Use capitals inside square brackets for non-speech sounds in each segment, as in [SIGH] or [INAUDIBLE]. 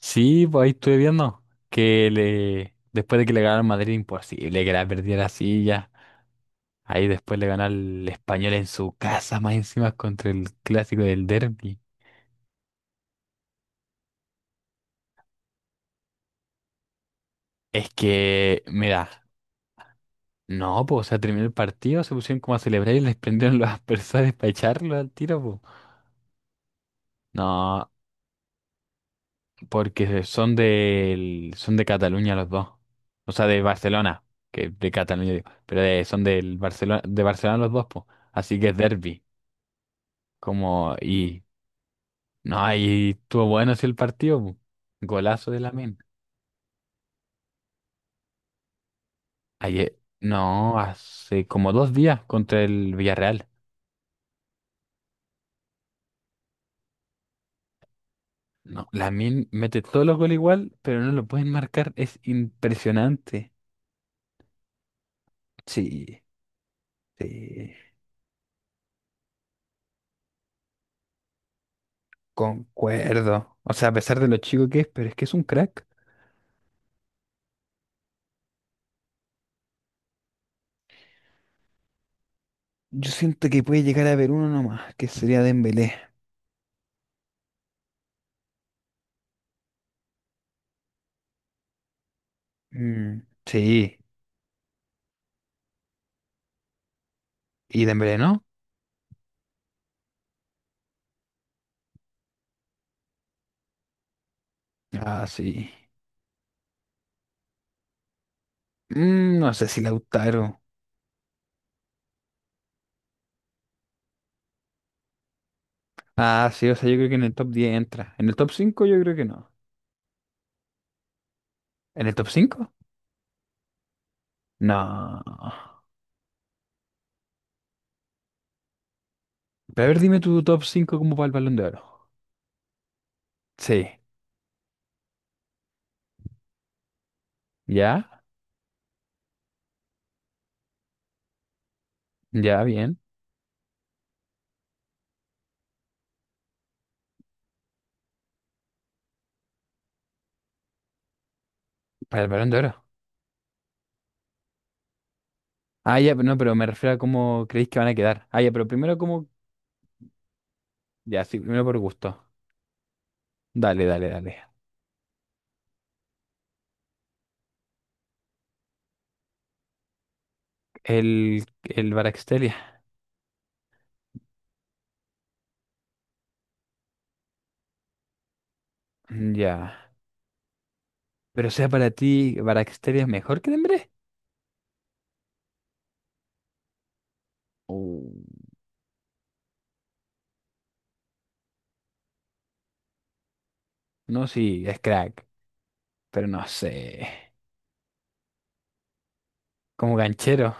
Sí, pues ahí estuve viendo que le después de que le ganaron Madrid, imposible que la perdiera así ya. Ahí después le ganó al Español en su casa, más encima contra el clásico del Derby. Es que, mira, no, pues, o sea, terminó el partido, se pusieron como a celebrar y les prendieron los [LAUGHS] aspersores para echarlo al tiro, pues. No, porque son de Cataluña los dos. O sea, de Barcelona, que de Cataluña digo, pero son del Barcelona, de Barcelona los dos, pues. Así que es Derby. Como, y no, ahí estuvo bueno sí el partido, po. Golazo de Lamine. Ayer, no, hace como 2 días contra el Villarreal. No, Lamine mete todos los goles igual, pero no lo pueden marcar. Es impresionante. Sí, sí, concuerdo. O sea, a pesar de lo chico que es, pero es que es un crack. Yo siento que puede llegar a haber uno nomás, que sería Dembélé. Mm, sí, ¿y Dembélé no? Ah, sí. Mm, no sé si Lautaro. Ah, sí, o sea, yo creo que en el top 10 entra. En el top cinco yo creo que no. ¿En el top 5? No. Pero a ver, dime tu top 5 como para el Balón de Oro. Sí. ¿Ya? Ya, bien. Para el Balón de Oro. Ah, ya, pero no, pero me refiero a cómo creéis que van a quedar. Ah, ya, pero primero como... Ya, sí, primero por gusto. Dale, dale, dale. El Baraxtelia. Ya. Pero o sea, para ti, ¿Baraxtelia es mejor que Dembélé? Uh, No, sí, es crack. Pero no sé. Como ganchero.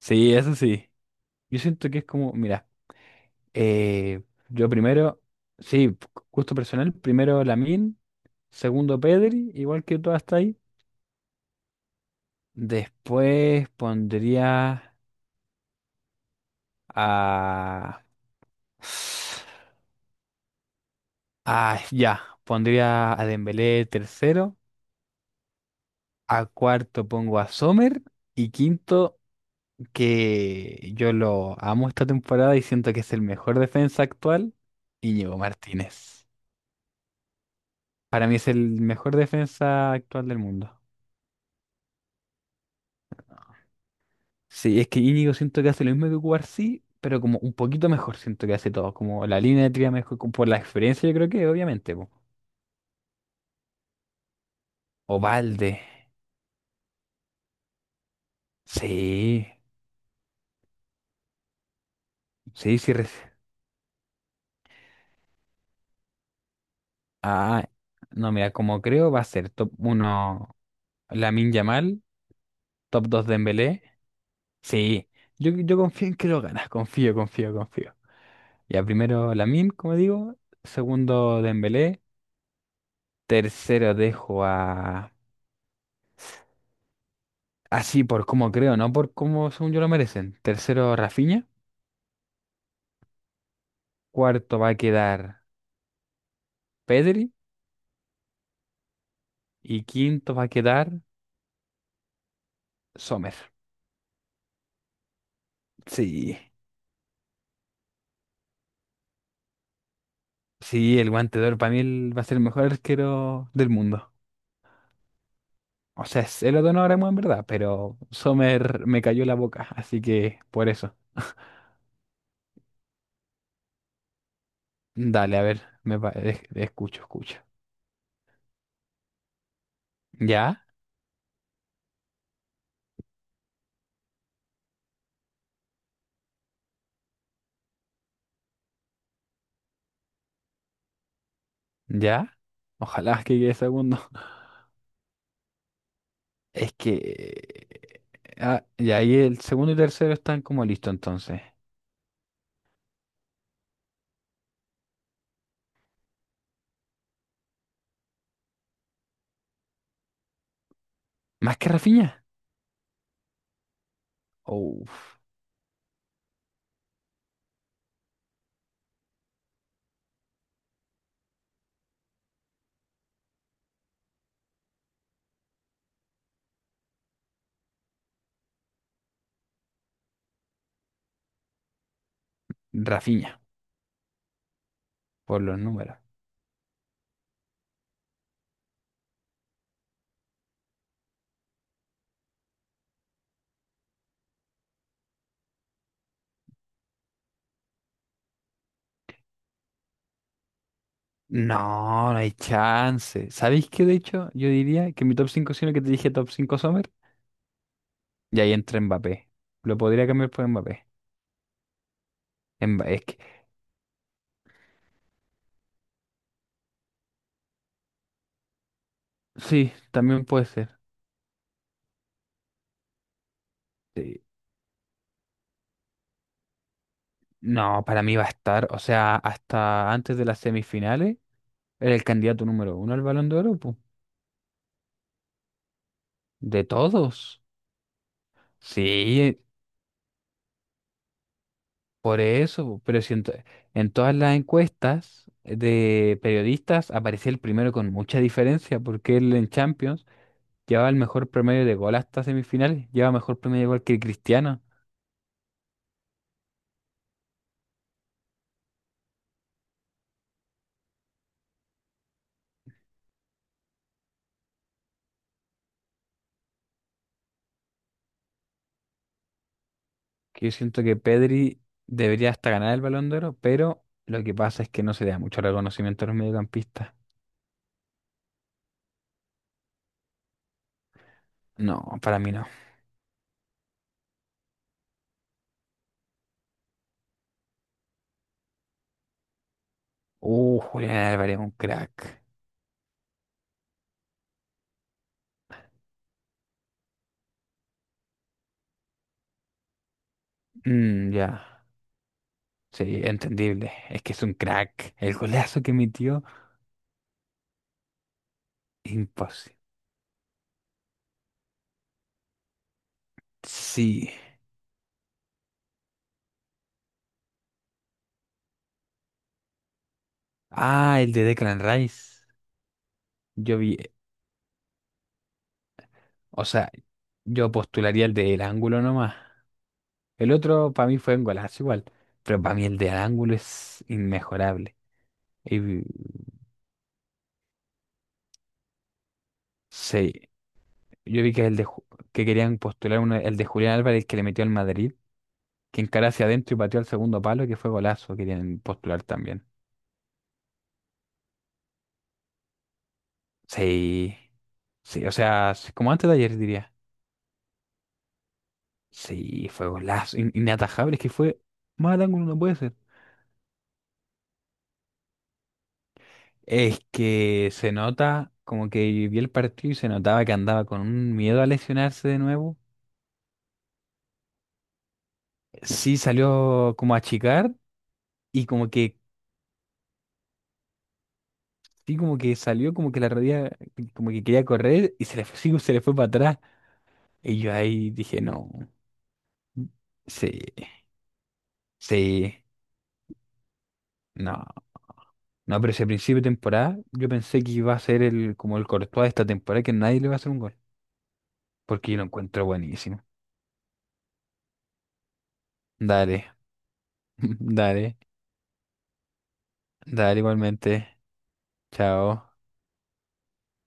Sí, eso sí. Yo siento que es como, mira, eh, yo primero, sí, gusto personal, primero Lamin, segundo Pedri, igual que tú hasta ahí. Después pondría a... Ah, ya, pondría a Dembélé tercero, a cuarto pongo a Sommer y quinto, que yo lo amo esta temporada y siento que es el mejor defensa actual, Íñigo Martínez. Para mí es el mejor defensa actual del mundo. Sí, es que Íñigo siento que hace lo mismo que Cubarsí, pero como un poquito mejor siento que hace todo. Como la línea de tría mejor, como por la experiencia, yo creo que obviamente, po. Ovalde. Sí. Sí, sí. Ah, no, mira, como creo va a ser top 1 Lamine Yamal, top 2 Dembélé. Sí, yo confío en que lo ganas, [LAUGHS] confío, confío, confío. Ya primero Lamine, como digo, segundo Dembélé, tercero dejo a... Así por como creo, no por como según yo lo merecen. Tercero, Rafinha. Cuarto va a quedar Pedri. Y quinto va a quedar Sommer. Sí. Sí, el guante de oro para mí va a ser el mejor arquero del mundo. O sea, es el otro no ahora en verdad, pero Sommer me cayó la boca, así que por eso. Dale, a ver, escucho, escucho. ¿Ya? ¿Ya? Ojalá que quede segundo. [LAUGHS] Es que... Ah, y ahí el segundo y tercero están como listos entonces. ¿Más que Rafinha? Uf, Rafinha, por los números. No, no hay chance. ¿Sabéis qué? De hecho, yo diría que mi top 5, sino que te dije top 5, Sommer, y ahí entra Mbappé. Lo podría cambiar por Mbappé. Es que, sí, también puede ser. Sí. No, para mí va a estar, o sea, hasta antes de las semifinales, era el candidato número uno al Balón de Oro, po. De todos. Sí, por eso, pero si en todas las encuestas de periodistas aparecía el primero con mucha diferencia, porque él en Champions llevaba el mejor promedio de gol hasta semifinales, lleva mejor promedio de gol que Cristiano, que yo siento que Pedri debería hasta ganar el Balón de Oro, pero lo que pasa es que no se le da mucho reconocimiento a los mediocampistas. No, para mí no. Julián Álvarez, un crack. Mm, ya, sí, entendible. Es que es un crack. El golazo que metió, imposible. Sí. Ah, el de Declan Rice. Yo vi, o sea, yo postularía el del ángulo nomás. El otro para mí fue un golazo igual, pero para mí el del ángulo es inmejorable. Y sí, yo vi que el de que querían postular uno, el de Julián Álvarez que le metió al Madrid, que encaró hacia adentro y pateó al segundo palo, que fue golazo, querían postular también. Sí, sí, o sea, sí, como antes de ayer diría. Sí, fue golazo, inatajable, es que fue más al ángulo no puede ser. Es que se nota, como que vi el partido y se notaba que andaba con un miedo a lesionarse de nuevo. Sí salió como a achicar y como que, sí como que salió, como que la rodilla, como que quería correr y se le fue, sí, se le fue para atrás. Y yo ahí dije, no, sí, sí, no. No, pero ese principio de temporada yo pensé que iba a ser el, como el Courtois de esta temporada, que nadie le va a hacer un gol. Porque yo lo encuentro buenísimo. Dale, [LAUGHS] dale, dale igualmente. Chao.